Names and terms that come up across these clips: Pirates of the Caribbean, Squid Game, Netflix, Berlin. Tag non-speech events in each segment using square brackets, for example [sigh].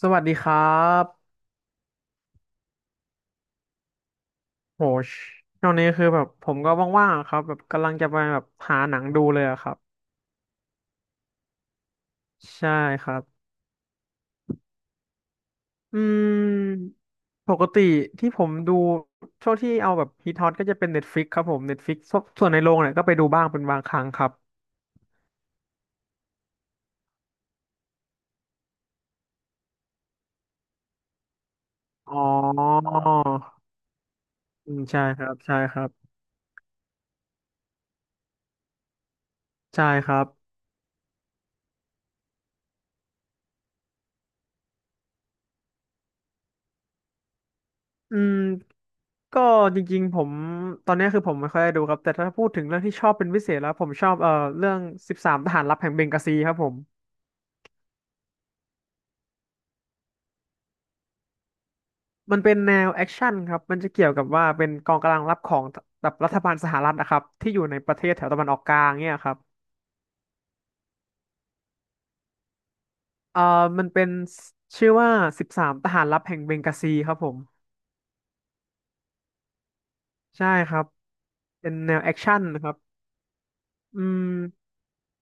สวัสดีครับโหชช่วงนี้คือแบบผมก็ว่างๆอะครับแบบกำลังจะไปแบบหาหนังดูเลยอะครับ ใช่ครับอืมปกติที่ผมดูช่วงที่เอาแบบฮิตฮอตก็จะเป็น Netflix ครับผม Netflix ส่วนในโรงเนี่ยก็ไปดูบ้างเป็นบางครั้งครับอ๋ออืมใช่ครับใช่ครับใช่ครับอืมก็จริงๆผมตอนนี้คือผมไม่ค่อยได้ดูครับแต่ถ้าพูดถึงเรื่องที่ชอบเป็นพิเศษแล้วผมชอบเรื่องสิบสามทหารลับแห่งเบงกาซีครับผม มันเป็นแนวแอคชั่นครับมันจะเกี่ยวกับว่าเป็นกองกำลังรับของแบบรัฐบาลสหรัฐนะครับที่อยู่ในประเทศแถวตะวันออกกลางเนี่ยครับเอ่อมันเป็นชื่อว่าสิบสามทหารลับแห่งเบงกาซีครับผมใช่ครับเป็นแนวแอคชั่นนะครับอืม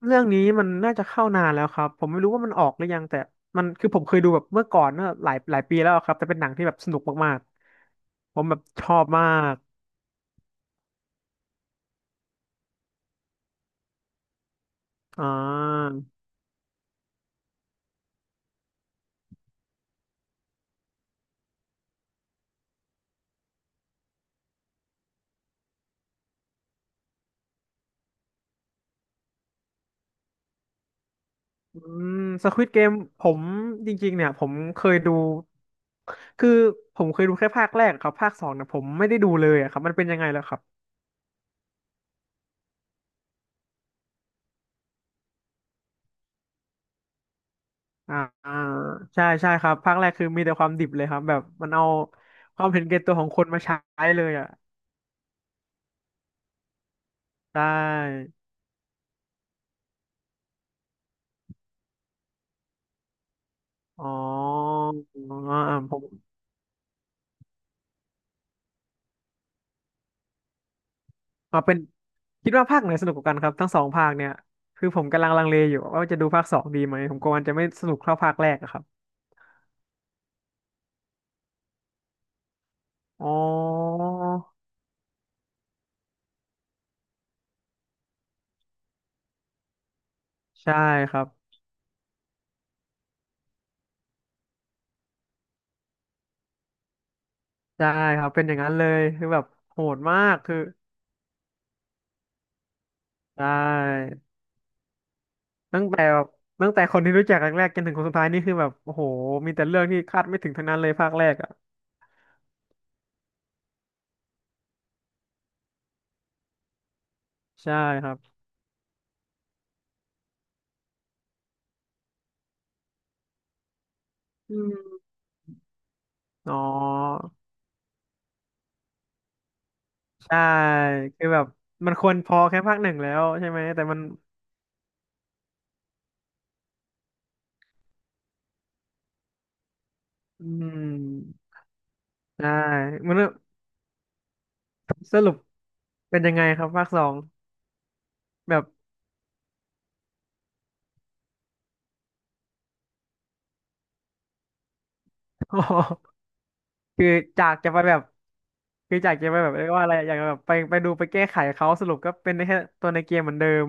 เรื่องนี้มันน่าจะเข้านานแล้วครับผมไม่รู้ว่ามันออกหรือยังแต่มันคือผมเคยดูแบบเมื่อก่อนเนอะหลายหลายปีแล้วครับแต่เป็นหนังที่แบบสนุกมากๆผมแบบชอบมากอ่า อืมสควิดเกมผมจริงๆเนี่ยคือผมเคยดูแค่ภาคแรกครับภาคสองเนี่ยผมไม่ได้ดูเลยอะครับมันเป็นยังไงแล้วครับอ่าอ่าใช่ใช่ครับภาคแรกคือมีแต่ความดิบเลยครับแบบมันเอาความเห็นแก่ตัวของคนมาใช้เลยอ่ะใช่อ๋ออ๋ออ่าผมอ่าเป็นคิดว่าภาคไหนสนุกกว่ากันครับทั้งสองภาคเนี่ยคือผมกำลังลังเลอยู่ว่าจะดูภาคสองดีไหมผมกลัวมันจะไม่สนุกเท่าภาคแรกอะครับอ๋อใช่ครับ ใช่ครับเป็นอย่างนั้นเลยคือแบบโหดมากคือได้ตั้งแต่แบบตั้งแต่คนที่รู้จักครั้งแรกจนถึงคนสุดท้ายนี่คือแบบโอ้โหมีแต่เรื่องที่คาดไม่ถึงทั้งนั้นเลยภาคแรกอ่ะใช่ครับอืมอ๋อใช่คือแบบมันควรพอแค่ภาคหนึ่งแล้วใช่ไหมแต่มันอืมใช่มันสรุปเป็นยังไงครับภาคสองแบบ [laughs] คือจากจะไปแบบคือจากจะไปแบบเรียกว่าอะไรอยากจะแบบไปดูไปแก้ไขเขาสรุปก็เป็นได้แค่ตัวในเกมเหมือนเดิม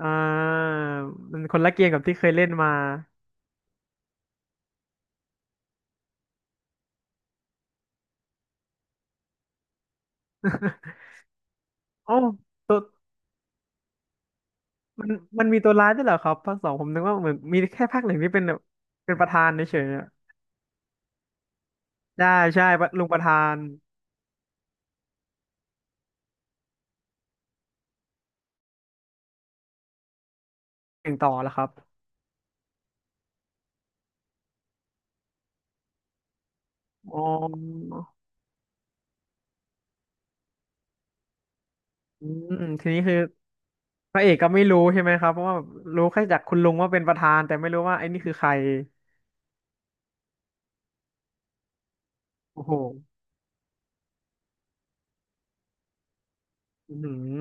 อ่ามันคนละเกมกับที่เคยเล่นมา [laughs] โอ้มันมันมีตัวร้ายด้วยเหรอครับภาคสองผมนึกว่าเหมือนมีแค่ภาคหนึ่งที่เป็นแบบเป็นประธานเฉยๆอะใช่ใช่ลุงประธานเก่งต่อแล้วครับอ๋ออืมทีนี้คือพระเอกก็ไม่รู้ใช่ไหมครับเพราะว่ารู้แค่จากคุณลุงว่าเป็นประธานแต่ไม่รู้ว่าไอ้นี่คือใครโอ้โห อืม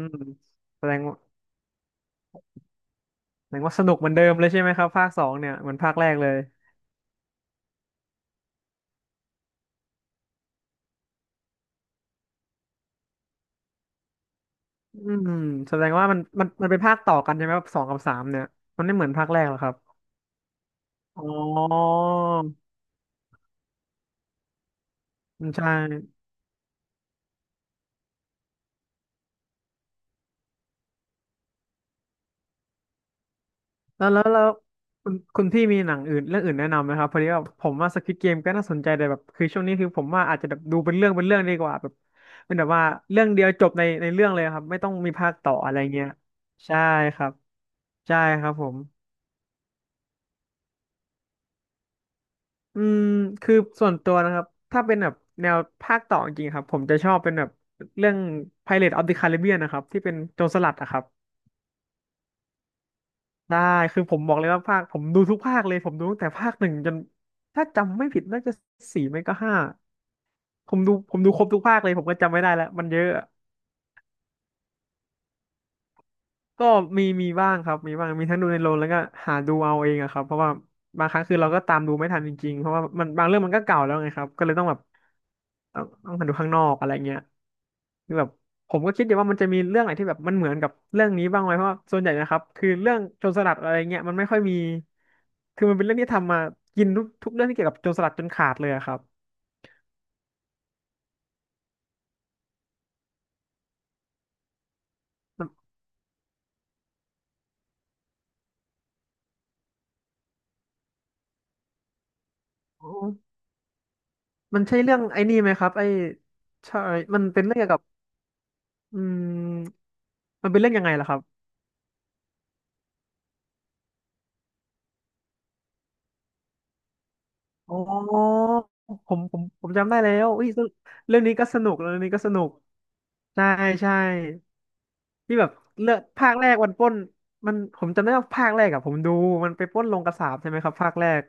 แสดงว่าแสดงว่าสนุกเหมือนเดิมเลยใช่ไหมครับภาคสองเนี่ยเหมือนภาคแรกเลยอืมแสดงว่ามันเป็นภาคต่อกันใช่ไหมครับสองกับสามเนี่ยมันไม่เหมือนภาคแรกหรอครับอ๋ออืมใช่แล้วคุณพี่มีหนังอื่นเรื่องอื่นแนะนำไหมครับพอดีว่าผมว่าสควิดเกมก็น่าสนใจแต่แบบคือช่วงนี้คือผมว่าอาจจะแบบดูเป็นเรื่องเป็นเรื่องดีกว่าแบบเป็นแบบว่าเรื่องเดียวจบในในเรื่องเลยครับไม่ต้องมีภาคต่ออะไรเงี้ยใช่ครับใช่ครับผม อืมคือส่วนตัวนะครับถ้าเป็นแบบแนวภาคต่อจริงๆครับผมจะชอบเป็นแบบเรื่อง Pirates of the Caribbean นะครับที่เป็นโจรสลัดอะครับได้คือผมบอกเลยว่าภาคผมดูทุกภาคเลยผมดูตั้งแต่ภาคหนึ่งจนถ้าจำไม่ผิดน่าจะสี่ไม่ก็ห้าผมดูครบทุกภาคเลยผมก็จำไม่ได้แล้วมันเยอะก็มีบ้างครับมีบ้างมีทั้งดูในโรงแล้วก็หาดูเอาเองอะครับเพราะว่าบางครั้งคือเราก็ตามดูไม่ทันจริงๆเพราะว่ามันบางเรื่องมันก็เก่าแล้วไงครับก็เลยต้องแบบต้องหาดูข้างนอกอะไรเงี้ย คือแบบผมก็คิดอยู่ว่ามันจะมีเรื่องไหนที่แบบมันเหมือนกับเรื่องนี้บ้างไหมเพราะว่าส่วนใหญ่นะครับคือเรื่องโจรสลัดอะไรเงี้ยมันไม่ค่อยมีคือมันเป็นเรื่องที่ทำมากินทุกเรื่องที่เกี่ยวกับโจรสลัดจนขาดเลยอะครับมันโอมันใช่เรื่องไอ้นี่ไหมครับไอ้ใช่มันเป็นเรื่องเกี่ยวกับอืมมันเป็นเรื่องยังไงล่ะครับอ๋อผมจำได้แล้วอุ้ยเรื่องนี้ก็สนุกเรื่องนี้ก็สนุกใช่ใช่ ที่แบบเลือกภาคแรกวันปล้นมันผมจำได้ว่าภาคแรกอะผมดูมันไปปล้นโรงกษาปใช่ไหมครับภาคแรก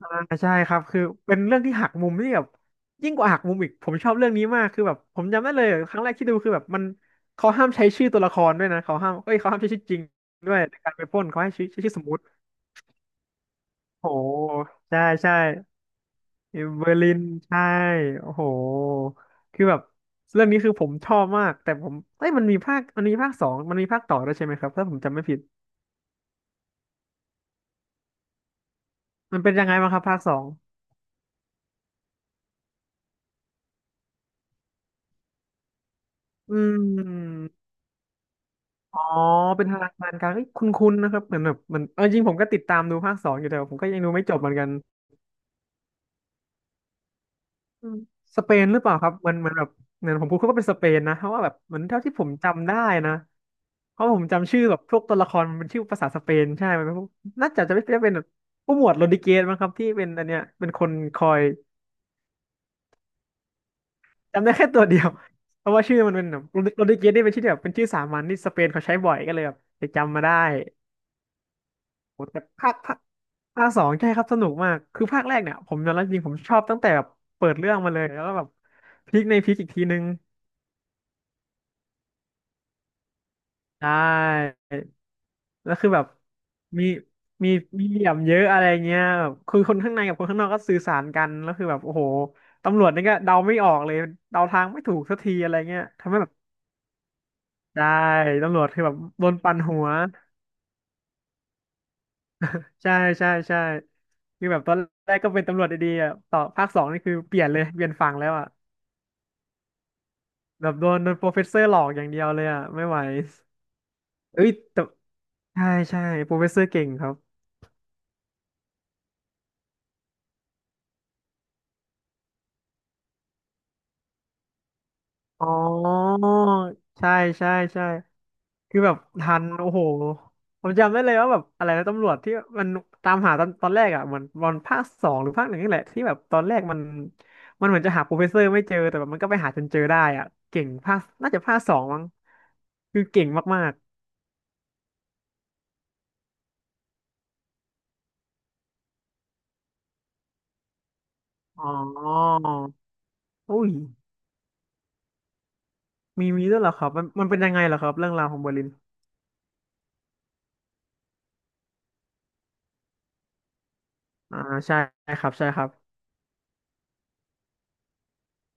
อ่าใช่ครับคือเป็นเรื่องที่หักมุมที่แบบยิ่งกว่าหักมุมอีกผมชอบเรื่องนี้มากคือแบบผมจำได้เลยครั้งแรกที่ดูคือแบบมันเขาห้ามใช้ชื่อตัวละครด้วยนะเขาห้ามเอ้ยเขาห้ามใช้ชื่อจริงด้วยในการไปปล้นเขาให้ชื่อใชชื่อสมมุติโอ้โหใช่ใช่เบอร์ลินใช่โอ้โหคือแบบเรื่องนี้คือผมชอบมากแต่ผมเอ้ยมันมีภาคมันมีภาคสองมันมีภาคต่อด้วยใช่ไหมครับถ้าผมจำไม่ผิด มันเป็นยังไงบ้างครับภาคสองอืมอ๋อเป็นทางการกลางเอ้ยคุ้นๆนะครับเหมือนแบบมันเอาจริงผมก็ติดตามดูภาคสองอยู่แต่ว่าผมก็ยังดูไม่จบเหมือนกันอืมสเปนหรือเปล่าครับมันแบบเหมือนผมพูดเขาก็เป็นสเปนนะเพราะว่าแบบเหมือนเท่าที่ผมจำได้นะเพราะผมจำชื่อแบบพวกตัวละครมันเป็นชื่อภาษาสเปนใช่มันเป็นพวกน่าจะจะไม่ได้เป็นแบบผู้หมวดโรดริเกสมั้งครับที่เป็นอันเนี้ยเป็นคนคอยจำได้แค่ตัวเดียว [laughs] เพราะว่าชื่อมันเป็นแบบโรดริเกสนี่เป็นชื่อที่แบบเป็นชื่อสามัญที่สเปนเขาใช้บ่อยก็เลยแบบไปจำมาได้ โอ้แต่ภาคสองใช่ครับสนุกมากคือภาคแรกเนี่ยผมยอมรับจริงผมชอบตั้งแต่แบบเปิดเรื่องมาเลยแล้วก็แบบพลิกในพลิกอีกทีนึงใช่แล้วคือแบบมีมีมีเหลี่ยมเยอะอะไรเงี้ยแบบคือคนข้างในกับคนข้างนอกก็สื่อสารกันแล้วคือแบบโอ้โหตำรวจนี่ก็เดาไม่ออกเลยเดาทางไม่ถูกสักทีอะไรเงี้ยทำให้แบบใช่ตำรวจคือแบบโดนปั่นหัวใช่ใช่คือแบบตอนแรกก็เป็นตำรวจดีๆอ่ะต่อภาคสองนี่คือเปลี่ยนเลยเปลี่ยนฝั่งแล้วอ่ะ แบบโดนโปรเฟสเซอร์หลอกอย่างเดียวเลยอ่ะไม่ไหวเอ้ยแต่ใช่ใช่โปรเฟสเซอร์เก่งครับอ๋อใช่ใช่ใช่คือแบบทันโอ้โหผมจำได้เลยว่าแบบอะไรนะตำรวจที่มันตามหาตอนแรกอ่ะเหมือนตอนภาคสองหรือภาคหนึ่งนี่แหละที่แบบตอนแรกมันมันเหมือนจะหาโปรเฟสเซอร์ไม่เจอแต่แบบมันก็ไปหาจนเจอได้อ่ะเก่งภาคน่าจะภาคสองมั้งคือเก่งมากๆอ๋ออุ้ยมีด้วยเหรอครับมันเป็นยังไงเหรอครับเรื่องราวของเบอร์ลิน อ่าใช่ครับใช่ครับ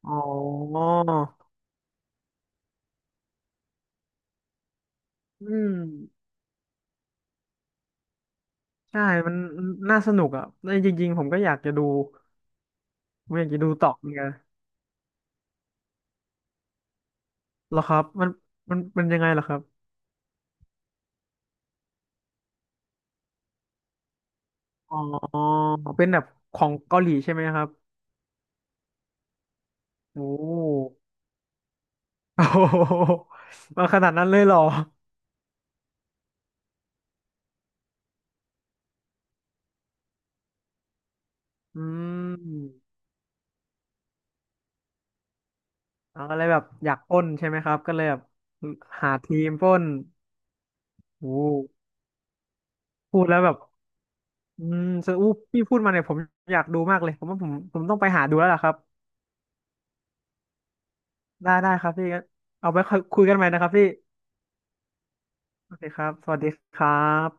อ๋ออืมใช่มันน่าสนุกอ่ะแต่จริงๆผมก็อยากจะดูผมอยากจะดูต่อเหมือนกันเหรอครับมันมันยังไงเหรอครับอ๋อเป็นแบบของเกาหลีใช่ไหมครับโอ้ [laughs] โอ้โหมาขนาดนั้นเลยเหรออืมเราก็เลยแบบอยากปล้นใช่ไหมครับก็เลยแบบหาทีมปล้นโอ้พูดแล้วแบบอืมสะอู้พี่พูดมาเนี่ยผมอยากดูมากเลยผมว่าผมต้องไปหาดูแล้วล่ะครับ ได้ได้ครับพี่งั้นเอาไว้คุยกันใหม่นะครับพี่โอเคครับสวัสดีครับ